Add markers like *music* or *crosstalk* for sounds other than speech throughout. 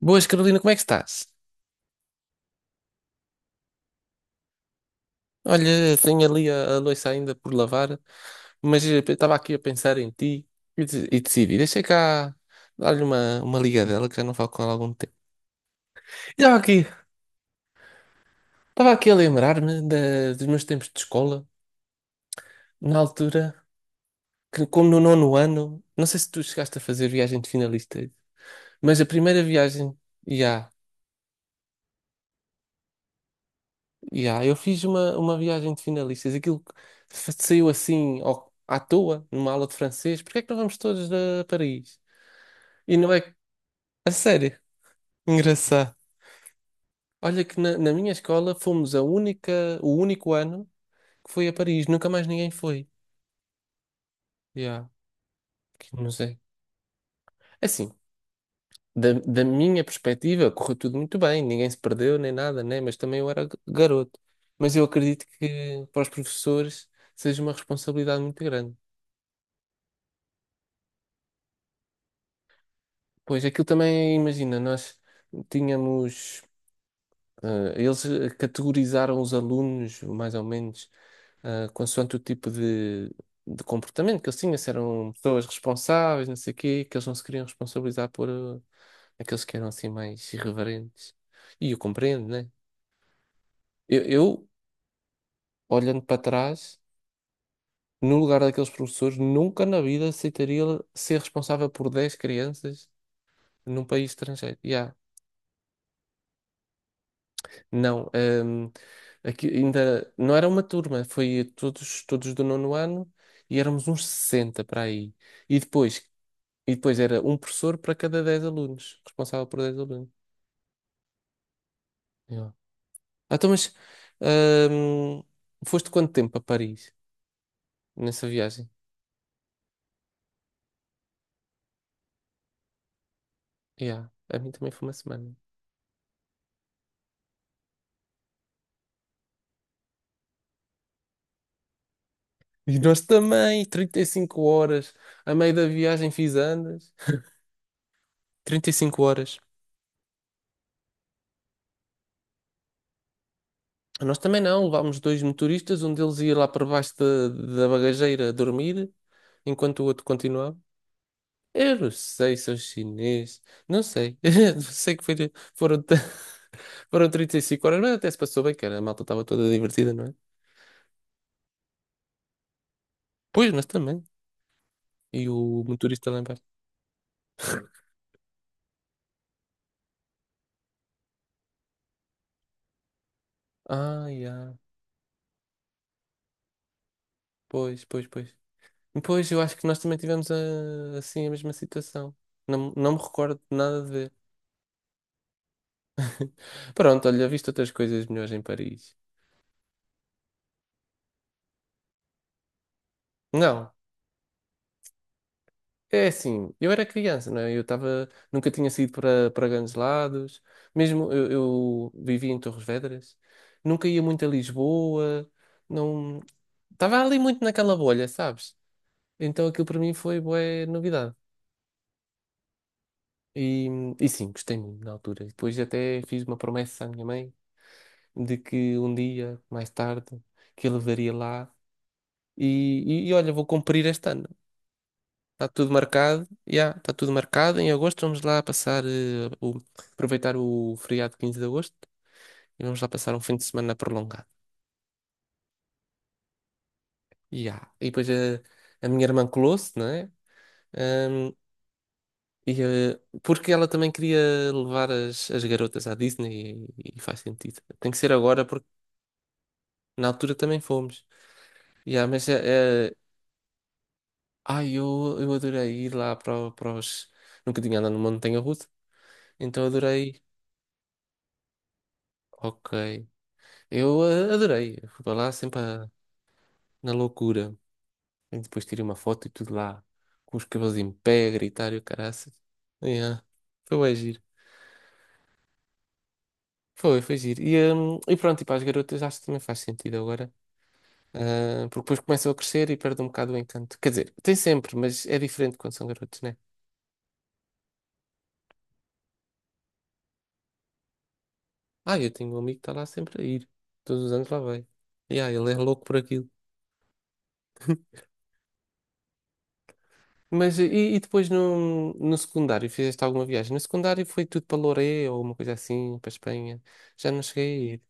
Boas, Carolina, como é que estás? Olha, tenho ali a louça ainda por lavar, mas estava aqui a pensar em ti e decidi, deixa cá dar-lhe uma ligadela que já não falo com ela há algum tempo. Estava aqui, estava aqui a lembrar-me dos meus tempos de escola, na altura, que como no nono ano, não sei se tu chegaste a fazer viagem de finalistas, mas a primeira viagem, já, já, eu fiz uma viagem de finalistas, aquilo que saiu assim à toa, numa aula de francês, porque é que não vamos todos a Paris? E não é. A sério. Engraçado. Olha que na minha escola fomos o único ano que foi a Paris. Nunca mais ninguém foi. Yeah, que não sei. Assim, da minha perspectiva, correu tudo muito bem. Ninguém se perdeu nem nada, né? Mas também eu era garoto. Mas eu acredito que para os professores seja uma responsabilidade muito grande. Pois aquilo também, imagina, nós tínhamos. Eles categorizaram os alunos, mais ou menos, consoante o tipo de comportamento que eles tinham, se eram pessoas responsáveis, não sei o quê, que eles não se queriam responsabilizar por, aqueles que eram assim mais irreverentes. E eu compreendo, né? Eu, olhando para trás, no lugar daqueles professores, nunca na vida aceitaria ser responsável por 10 crianças num país estrangeiro. Yeah. Não, aqui ainda não era uma turma, foi todos do nono ano e éramos uns 60 para aí. E depois E depois era um professor para cada 10 alunos, responsável por 10 alunos. Yeah. Ah, então, mas ahm, foste quanto tempo a Paris nessa viagem? Yeah. A mim também foi uma semana. E nós também, 35 horas. A meio da viagem fiz andas. 35 horas. Nós também não, levámos dois motoristas, um deles ia lá para baixo da bagageira dormir, enquanto o outro continuava. Eu não sei se é chinês. Não sei. *laughs* Não sei que foi, foram, t- *laughs* foram 35 horas, mas até se passou bem, cara. A malta estava toda divertida, não é? Pois, nós também. E o motorista lá em baixo. Ah, yeah. Pois, pois, pois. Pois, eu acho que nós também tivemos assim a mesma situação. Não, não me recordo de nada de ver. Pronto, olha, visto outras coisas melhores em Paris. Não. É assim, eu era criança, não é? Eu estava, nunca tinha saído para grandes lados, mesmo eu vivia em Torres Vedras, nunca ia muito a Lisboa, não, estava ali muito naquela bolha, sabes? Então aquilo para mim foi bué novidade. E, e sim, gostei muito na altura. E depois até fiz uma promessa à minha mãe de que um dia, mais tarde, que eu levaria lá, e, e olha, vou cumprir este ano. Está tudo marcado, já, está tudo marcado. Em agosto vamos lá passar, aproveitar o feriado de 15 de agosto e vamos lá passar um fim de semana prolongado. Ya. E depois, minha irmã colou-se, não é? Ahm, e, porque ela também queria levar as garotas à Disney e faz sentido. Tem que ser agora porque na altura também fomos. Ya, mas ai, eu adorei ir lá para, para os. Nunca tinha andado numa montanha russa, então adorei. Ok. Eu adorei. Eu fui lá sempre na loucura. E depois tirei uma foto e tudo lá, com os cabelos em pé, a gritar e o caraças. Yeah. Foi bem giro. Foi giro. E pronto, e para as garotas acho que também faz sentido agora. Ah, porque depois começam a crescer e perde um bocado o encanto. Quer dizer, tem sempre, mas é diferente quando são garotos, né? Ah, eu tenho um amigo que está lá sempre a ir. Todos os anos lá vai. Yeah, ele é louco por aquilo. Mas e depois no secundário, fizeste alguma viagem? No secundário foi tudo para Loré ou uma coisa assim, para Espanha. Já não cheguei a ir.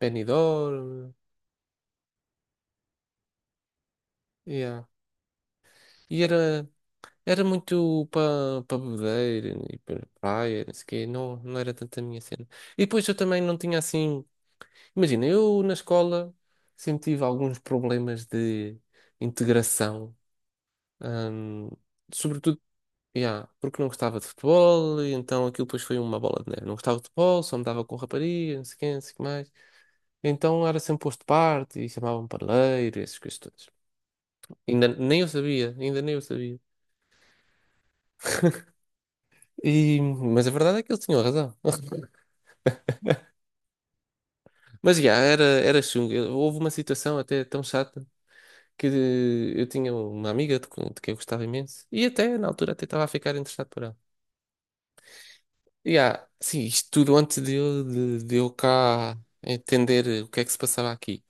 Benidorm, yeah. E era muito para bebedeira e para praia, não sei o quê. Não, não era tanto a minha cena. E depois eu também não tinha assim. Imagina, eu na escola sempre tive alguns problemas de integração, hum, sobretudo. Yeah, porque não gostava de futebol, e então aquilo depois foi uma bola de neve. Não gostava de futebol, só me dava com rapariga, não sei quem, não sei o que mais. Então era sempre posto de parte e chamavam-me parleiro e essas coisas todas. Ainda nem eu sabia, ainda nem eu sabia. Mas a verdade é que eles tinham razão. *laughs* Mas já, era chungo. Houve uma situação até tão chata que eu tinha uma amiga de que eu gostava imenso e até na altura até estava a ficar interessado por ela. E sim, isto tudo antes de eu cá entender o que é que se passava aqui.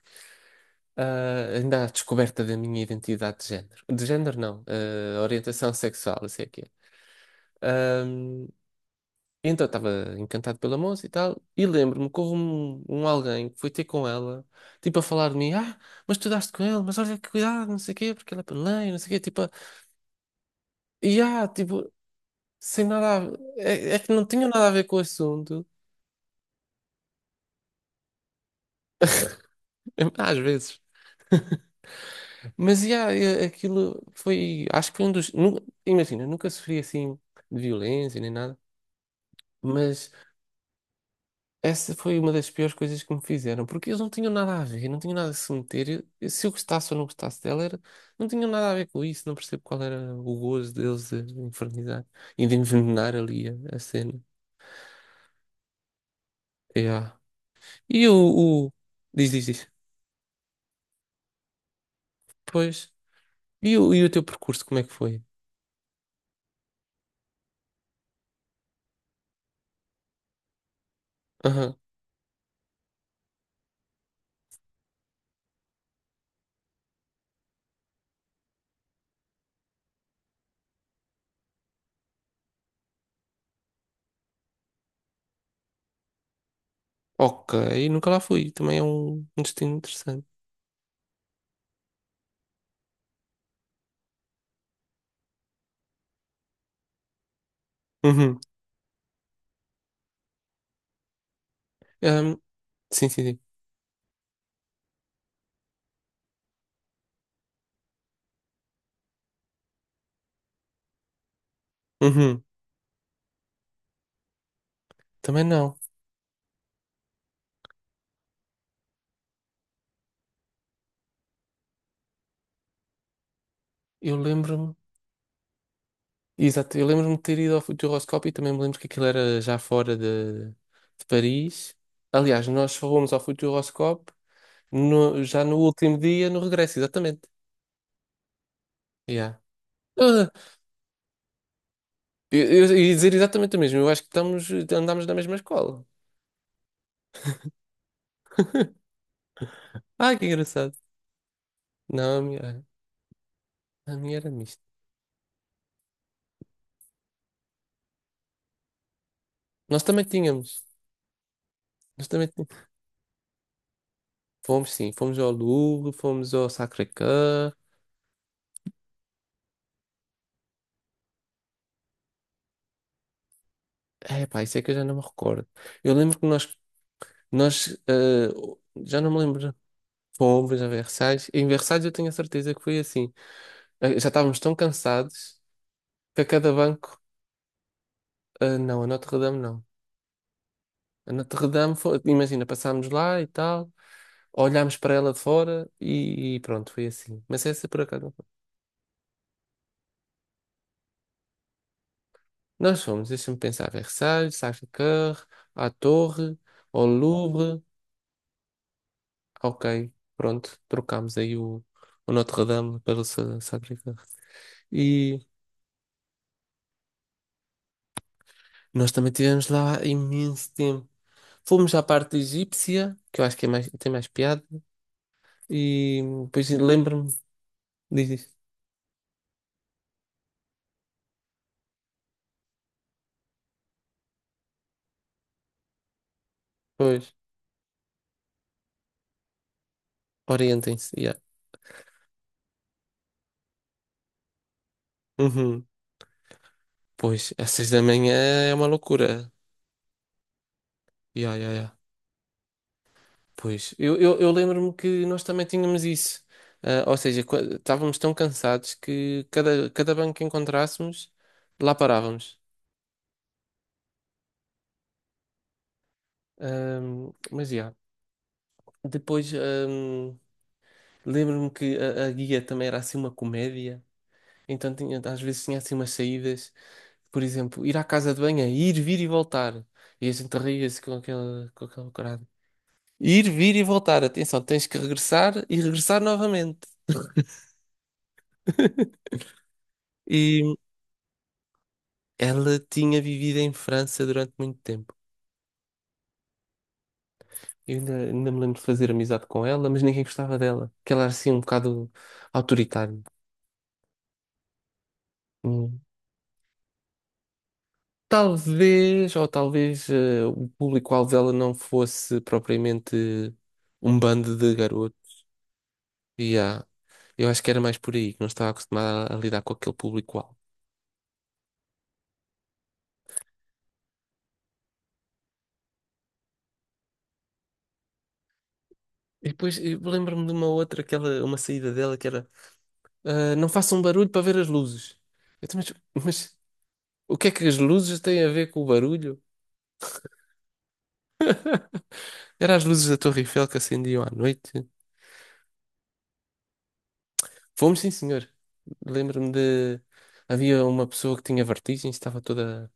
Ainda à descoberta da minha identidade de género. De género, não, orientação sexual, isso é que é. Ahm, então, estava encantado pela moça e tal, e lembro-me que houve um alguém que foi ter com ela, tipo, a falar de mim, mas tu daste com ele, mas olha que cuidado, não sei o quê, porque ela é paneleiro, não sei o quê, tipo, e tipo, sem nada a. É que não tinha nada a ver com o assunto, *laughs* às vezes. Mas, aquilo foi, acho que foi um dos, imagina, nunca sofri assim de violência nem nada, mas essa foi uma das piores coisas que me fizeram, porque eles não tinham nada a ver, não tinham nada a se meter. Se eu gostasse ou não gostasse dela, era, não tinham nada a ver com isso, não percebo qual era o gozo deles de infernizar e de envenenar ali a cena. Yeah. E o, o- Diz, diz, diz. Pois. E o teu percurso, como é que foi? Aham. Ok, nunca lá fui, também é um destino interessante. Uhum. Ahm, sim, sim, sim. Uhum. Também não. Eu lembro-me. Exato, eu lembro-me de ter ido ao futuroscópio e também me lembro que aquilo era já fora de Paris. Aliás, nós só fomos ao futuroscópio já no último dia, no regresso, exatamente. Yeah. Ah, eu, eu ia dizer exatamente o mesmo, eu acho que andámos na mesma escola. Ah, que engraçado. Não, a minha era mista. Nós também tínhamos, nós também tínhamos. Fomos sim, fomos ao Louvre, fomos ao Sacré-Cœur. É pá, isso é que eu já não me recordo. Eu lembro que nós já não me lembro. Fomos a Versalhes. Em Versalhes eu tenho a certeza que foi assim. Já estávamos tão cansados que a cada banco. Não, a Notre-Dame não. A Notre-Dame foi. Imagina, passámos lá e tal, olhámos para ela de fora e pronto, foi assim. Mas essa por acaso não foi. Nós fomos, deixa-me pensar, Versalhes, Sacré-Cœur, à Torre, ao Louvre. Ok, pronto, trocámos aí o Notre-Dame pelo Sacré-Cœur. E nós também tivemos lá imenso tempo. Fomos à parte egípcia, que eu acho que tem mais piada, e depois lembro-me, diz isto. Pois, orientem-se, yeah. Uhum. Pois, às 6 da manhã é uma loucura. Yeah, yeah, yeah. Pois, eu lembro-me que nós também tínhamos isso. Ah, ou seja, estávamos tão cansados que cada banco que encontrássemos, lá parávamos. Mas, já. Depois, lembro-me que a guia também era assim uma comédia. Então às vezes tinha assim umas saídas, por exemplo, ir à casa de banho, é ir, vir e voltar. E a gente ria-se com aquela corada. Ir, vir e voltar. Atenção, tens que regressar e regressar novamente. *laughs* E ela tinha vivido em França durante muito tempo. Eu ainda me lembro de fazer amizade com ela, mas ninguém gostava dela. Que ela era assim um bocado autoritária. Hum. Talvez, o público-alvo dela não fosse propriamente um bando de garotos E há- eu acho que era mais por aí, que não estava acostumada a lidar com aquele público-alvo. E depois eu lembro-me de uma outra, aquela, uma saída dela que era, não façam barulho para ver as luzes. Eu, também, mas o que é que as luzes têm a ver com o barulho? Eram as luzes da Torre Eiffel que acendiam à noite. Fomos, sim, senhor. Lembro-me de. Havia uma pessoa que tinha vertigem, estava toda. *laughs*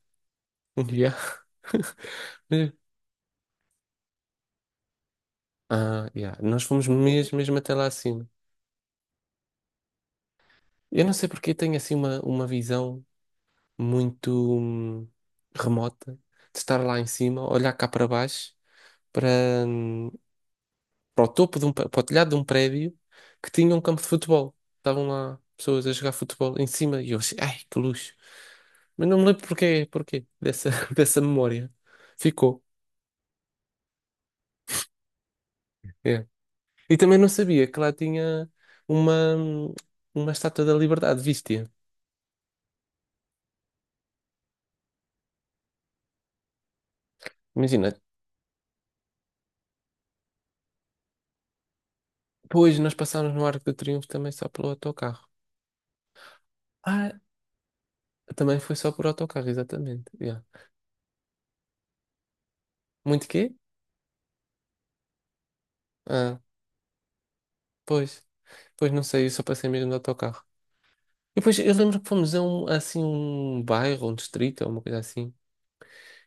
Yeah. Ah, yeah. Nós fomos mesmo, mesmo até lá acima. Eu não sei porque tenho assim uma visão muito hum, remota, de estar lá em cima, olhar cá para baixo, para, hum, para o topo de para o telhado de um prédio que tinha um campo de futebol. Estavam lá pessoas a jogar futebol em cima e eu achei, ai, que luxo. Mas não me lembro porquê *laughs* dessa memória. Ficou. É. E também não sabia que lá tinha uma, hum, uma estátua da Liberdade, viste-a? Imagina, depois nós passámos no Arco do Triunfo também só pelo autocarro. Ah, também foi só por autocarro, exatamente. Yeah. Muito quê? Ah, pois. Pois não sei, eu só passei mesmo de autocarro. E depois eu lembro que fomos a um, assim, um bairro, um distrito, ou uma coisa assim,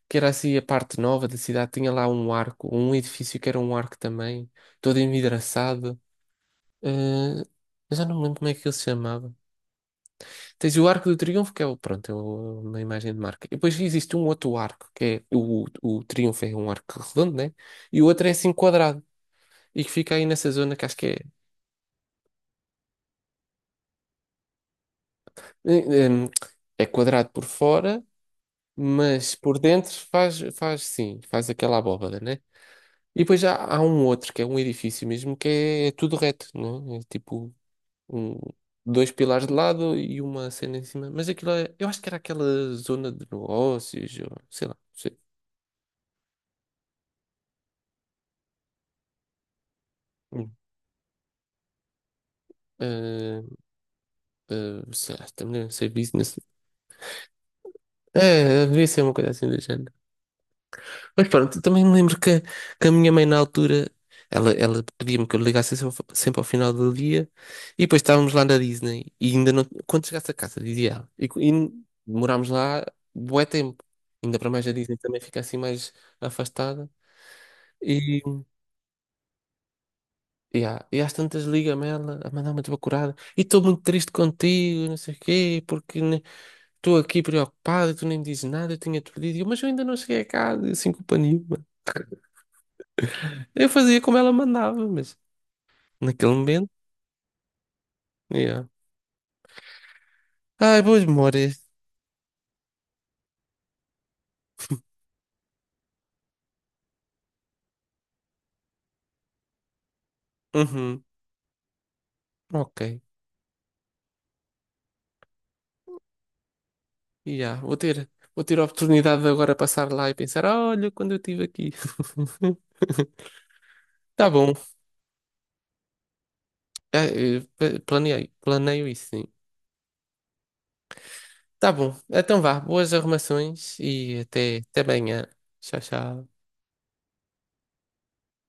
que era assim a parte nova da cidade, tinha lá um arco, um edifício que era um arco também, todo envidraçado. Ah, eu já não me lembro como é que ele se chamava. Tens o Arco do Triunfo, que é o, pronto, uma imagem de marca. E depois existe um outro arco, que é o Triunfo é um arco redondo, né? E o outro é assim quadrado, e que fica aí nessa zona que acho que é. eh, eh, é quadrado por fora, mas por dentro faz, sim, faz aquela abóbada, né? E depois já há um outro, que é um edifício mesmo, que é tudo reto, né? É tipo um, dois pilares de lado e uma cena em cima. Mas aquilo eu acho que era aquela zona de negócios, ou, sei lá, não sei. Hum. Ah, ah, sei lá, também não sei business. É, devia ser uma coisa assim do género. Mas pronto, também me lembro que a minha mãe na altura, ela pedia-me que eu ligasse sempre sempre ao final do dia e depois estávamos lá na Disney e ainda não, quando chegasse a casa, dizia ela, e demorámos lá bué tempo, ainda para mais a Disney também fica assim mais afastada e, e às tantas liga-me ela a mandar uma desbacurada e estou muito triste contigo, não sei o quê, porque estou aqui preocupado e tu nem me dizes nada, eu tinha-te pedido, Mas eu ainda não cheguei a casa, e sem culpa nenhuma. Eu fazia como ela mandava, mas. Naquele momento? Yeah. Ai, boas memórias. Uhum. Ok. Yeah. Vou ter a oportunidade de agora passar lá e pensar, "Ah, olha, quando eu estive aqui. *laughs* Tá bom. Ah, planeio isso, sim. Tá bom. Então vá. Boas arrumações e até amanhã. Tchau, tchau.